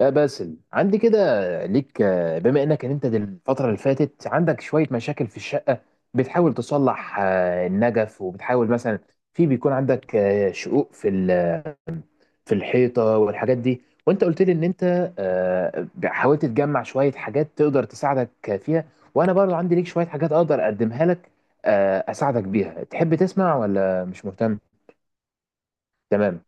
يا باسل عندي كده ليك. بما انك إن انت دل- الفترة اللي فاتت عندك شوية مشاكل في الشقة، بتحاول تصلح النجف، وبتحاول مثلا في بيكون عندك شقوق في في الحيطة والحاجات دي. وانت قلت لي ان انت حاولت تجمع شوية حاجات تقدر تساعدك فيها، وانا برضو عندي ليك شوية حاجات اقدر اقدمها لك، اساعدك بيها. تحب تسمع ولا مش مهتم؟ تمام.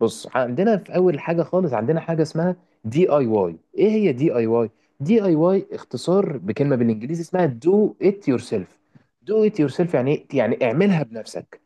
بص، عندنا في اول حاجه خالص عندنا حاجه اسمها دي اي واي. ايه هي دي اي واي؟ دي اي واي اختصار بكلمه بالانجليزي اسمها دو ات يور سيلف. دو ات يور سيلف يعني إيه؟ يعني اعملها بنفسك.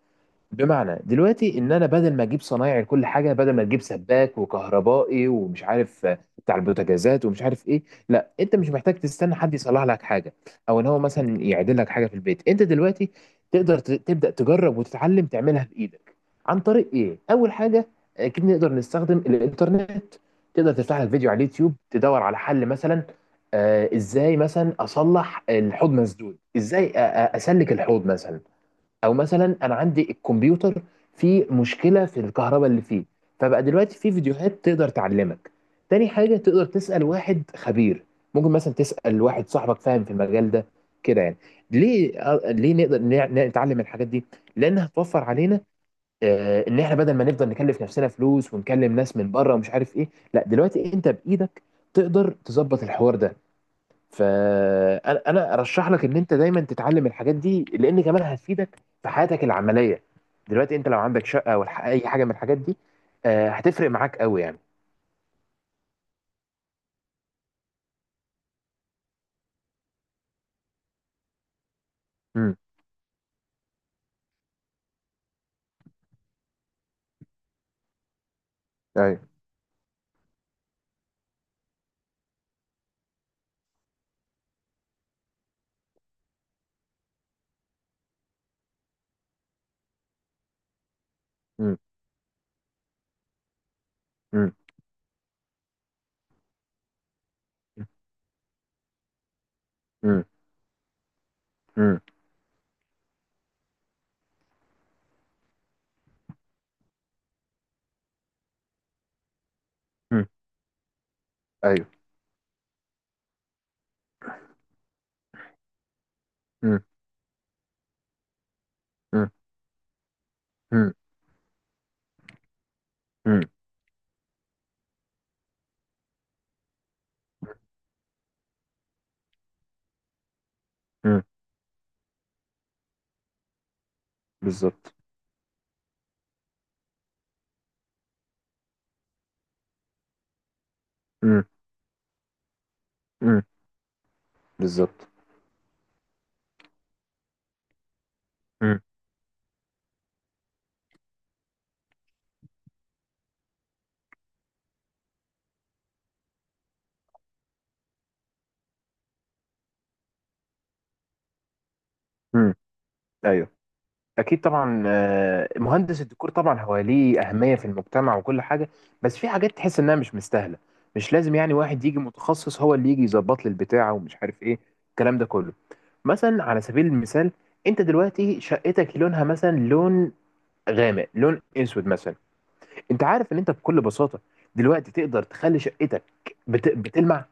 بمعنى دلوقتي ان انا بدل ما اجيب صنايعي لكل حاجه، بدل ما تجيب سباك وكهربائي ومش عارف بتاع البوتاجازات ومش عارف ايه، لا، انت مش محتاج تستنى حد يصلح لك حاجه او ان هو مثلا يعدل لك حاجه في البيت. انت دلوقتي تقدر تبدا تجرب وتتعلم تعملها بايدك. عن طريق ايه؟ اول حاجه، اكيد نقدر نستخدم الانترنت، تقدر تفتح لك فيديو على اليوتيوب تدور على حل. مثلا ازاي مثلا اصلح الحوض مسدود، ازاي اسلك الحوض مثلا. او مثلا انا عندي الكمبيوتر فيه مشكله في الكهرباء اللي فيه، فبقى دلوقتي في فيديوهات تقدر تعلمك. تاني حاجه، تقدر تسال واحد خبير، ممكن مثلا تسال واحد صاحبك فاهم في المجال ده كده يعني. ليه ليه نقدر نتعلم الحاجات دي؟ لانها هتوفر علينا، ان احنا بدل ما نفضل نكلف نفسنا فلوس ونكلم ناس من بره ومش عارف ايه، لا، دلوقتي انت بايدك تقدر تظبط الحوار ده. فانا ارشح لك ان انت دايما تتعلم الحاجات دي، لان كمان هتفيدك في حياتك العمليه. دلوقتي انت لو عندك شقه او اي حاجه من الحاجات دي، هتفرق معاك قوي يعني. امم ايوه. امم امم امم امم أمم. ايوه. امم امم امم أمم. امم بالظبط. امم امم بالظبط. امم امم ايوه. اكيد طبعا، مهندس الديكور طبعا هو ليه اهميه في المجتمع وكل حاجه، بس في حاجات تحس انها مش مستاهله. مش لازم يعني واحد يجي متخصص هو اللي يجي يظبط لي البتاعه ومش عارف ايه الكلام ده كله. مثلا على سبيل المثال، انت دلوقتي شقتك لونها مثلا لون غامق، لون اسود مثلا. انت عارف ان انت بكل بساطه دلوقتي تقدر تخلي شقتك بتلمع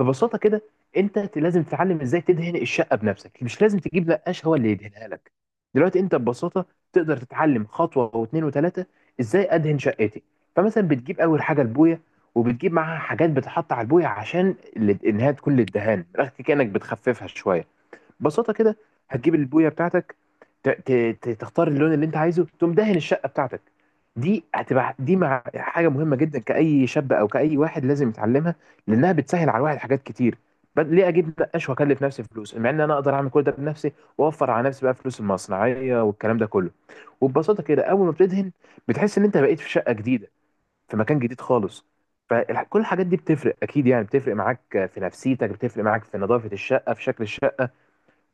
ببساطه كده. انت لازم تتعلم ازاي تدهن الشقه بنفسك، مش لازم تجيب نقاش هو اللي يدهنها لك. دلوقتي انت ببساطه تقدر تتعلم خطوه واثنين وثلاثه ازاي ادهن شقتي. فمثلا بتجيب اول حاجه البويه، وبتجيب معاها حاجات بتحط على البويه عشان انها تكون للدهان من الاخر كانك بتخففها شويه. ببساطه كده هتجيب البويه بتاعتك، تختار اللون اللي انت عايزه، تقوم دهن الشقه بتاعتك. دي هتبقى دي مع حاجه مهمه جدا كاي شاب او كاي واحد لازم يتعلمها، لانها بتسهل على الواحد حاجات كتير. ليه اجيب نقاش واكلف نفسي فلوس مع ان انا اقدر اعمل كل ده بنفسي واوفر على نفسي بقى فلوس المصنعيه والكلام ده كله؟ وببساطه كده، اول ما بتدهن بتحس ان انت بقيت في شقه جديده، في مكان جديد خالص. فكل الحاجات دي بتفرق اكيد يعني، بتفرق معاك في نفسيتك، بتفرق معاك في نظافه الشقه، في شكل الشقه.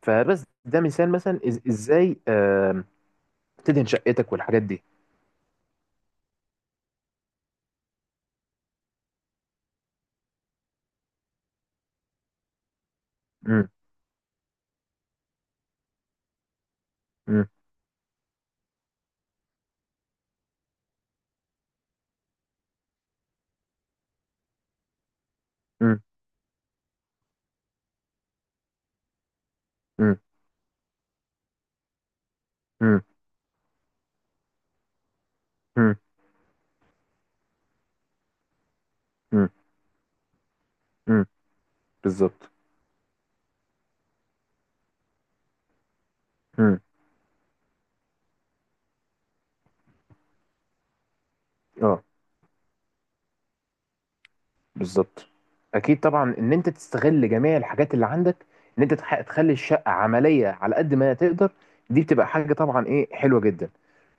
فبس ده مثال مثلا، ازاي تدهن شقتك والحاجات دي. مم، مم، مم، مم، مم، مم، مم، بالظبط. مم، اه. بالظبط. اكيد طبعا، ان انت تستغل جميع الحاجات اللي عندك، ان انت تخلي الشقه عمليه على قد ما تقدر. دي بتبقى حاجه طبعا ايه حلوه جدا.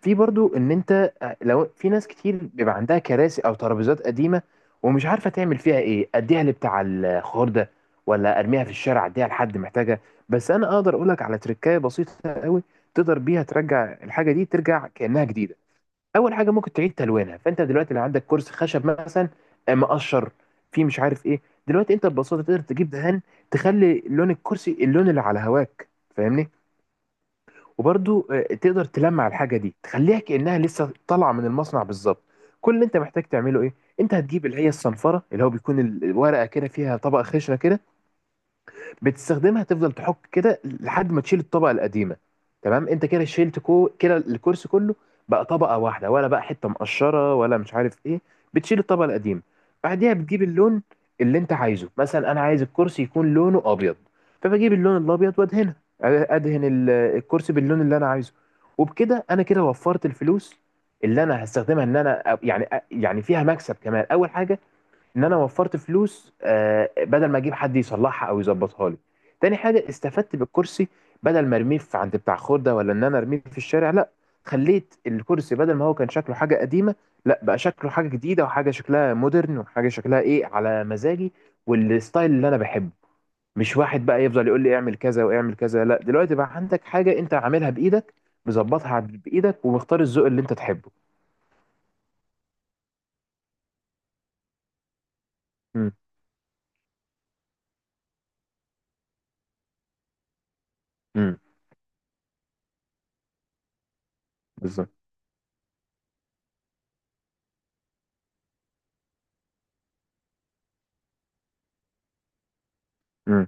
في برضو ان انت لو في ناس كتير بيبقى عندها كراسي او ترابيزات قديمه ومش عارفه تعمل فيها ايه. اديها لبتاع الخضار ده، ولا ارميها في الشارع، اديها لحد محتاجها. بس انا اقدر اقولك على تركايه بسيطه قوي تقدر بيها ترجع الحاجه دي ترجع كانها جديده. اول حاجه ممكن تعيد تلوينها. فانت دلوقتي لو عندك كرسي خشب مثلا مقشر فيه مش عارف ايه، دلوقتي انت ببساطه تقدر تجيب دهان، تخلي لون الكرسي اللون اللي على هواك، فاهمني؟ وبرضو تقدر تلمع الحاجه دي، تخليها كانها لسه طالعه من المصنع بالظبط. كل اللي انت محتاج تعمله ايه؟ انت هتجيب اللي هي الصنفره، اللي هو بيكون الورقه كده فيها طبقه خشنه كده، بتستخدمها تفضل تحك كده لحد ما تشيل الطبقه القديمه. تمام، انت كده شيلت كو كده الكرسي كله، بقى طبقه واحده، ولا بقى حته مقشره ولا مش عارف ايه. بتشيل الطبقه القديمه، بعديها بتجيب اللون اللي انت عايزه. مثلا انا عايز الكرسي يكون لونه ابيض، فبجيب اللون الابيض وادهنها، ادهن الكرسي باللون اللي انا عايزه. وبكده انا كده وفرت الفلوس اللي انا هستخدمها، ان انا يعني فيها مكسب كمان. اول حاجه ان انا وفرت فلوس، بدل ما اجيب حد يصلحها او يظبطها لي. تاني حاجه استفدت بالكرسي، بدل ما ارميه في عند بتاع خردة ولا ان انا ارميه في الشارع، لا، خليت الكرسي بدل ما هو كان شكله حاجه قديمه، لا، بقى شكله حاجه جديده، وحاجه شكلها مودرن، وحاجه شكلها ايه على مزاجي والستايل اللي انا بحبه. مش واحد بقى يفضل يقول لي اعمل كذا واعمل كذا، لا، دلوقتي بقى عندك حاجه انت عاملها بايدك، مظبطها بايدك، ومختار الذوق اللي انت تحبه. امم امم بالظبط. امم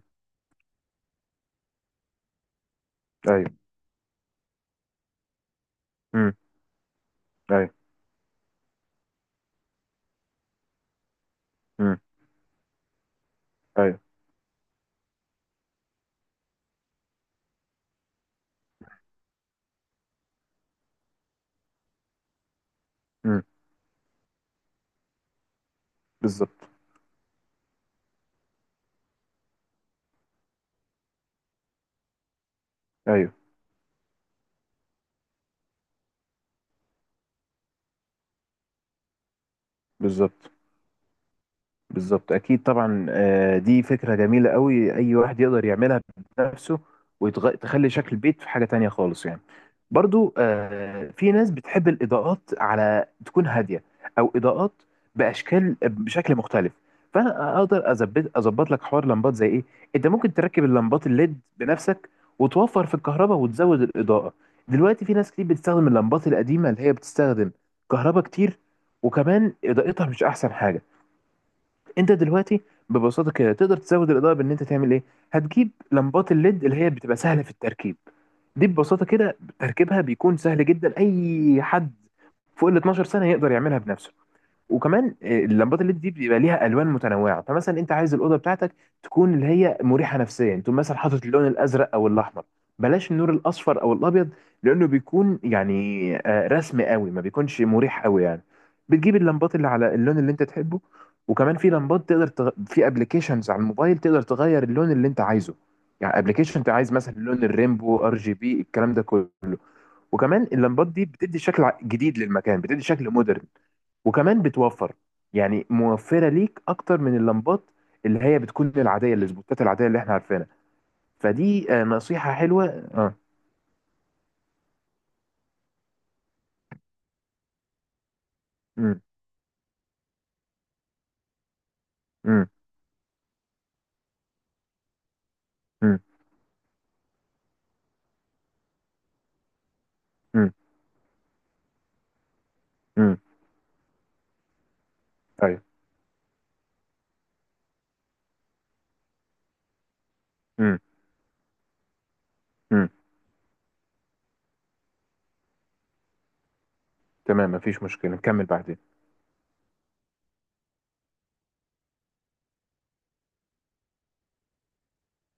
ايوه. امم ايوه. امم ايوه. إمم، بالضبط، أيوه، بالضبط. بالظبط. اكيد طبعا، دي فكره جميله قوي اي واحد يقدر يعملها بنفسه، وتخلي شكل البيت في حاجه تانية خالص يعني. برضو في ناس بتحب الاضاءات على تكون هاديه، او اضاءات باشكال بشكل مختلف. فانا اقدر اظبط لك حوار لمبات زي ايه. انت ممكن تركب اللمبات الليد بنفسك وتوفر في الكهرباء وتزود الاضاءه. دلوقتي في ناس كتير بتستخدم اللمبات القديمه اللي هي بتستخدم كهرباء كتير، وكمان اضاءتها مش احسن حاجه. انت دلوقتي ببساطه كده تقدر تزود الاضاءه بان انت تعمل ايه. هتجيب لمبات الليد اللي هي بتبقى سهله في التركيب. دي ببساطه كده تركيبها بيكون سهل جدا، اي حد فوق ال 12 سنه يقدر يعملها بنفسه. وكمان اللمبات الليد دي بيبقى ليها الوان متنوعه، فمثلا انت عايز الاوضه بتاعتك تكون اللي هي مريحه نفسيا، تقوم مثلا حاطط اللون الازرق او الاحمر، بلاش النور الاصفر او الابيض، لانه بيكون يعني رسمي قوي، ما بيكونش مريح قوي يعني. بتجيب اللمبات اللي على اللون اللي انت تحبه. وكمان في لمبات تقدر في ابلكيشنز على الموبايل تقدر تغير اللون اللي انت عايزه، يعني ابلكيشن انت عايز مثلا لون الريمبو ار جي بي الكلام ده كله. وكمان اللمبات دي بتدي شكل جديد للمكان، بتدي شكل مودرن، وكمان بتوفر، يعني موفرة ليك أكتر من اللمبات اللي هي بتكون العادية، السبوتات العادية اللي احنا عارفينها. فدي نصيحة حلوة. اه. امم امم امم امم ايوه. امم امم تمام، مفيش مشكلة، نكمل بعدين.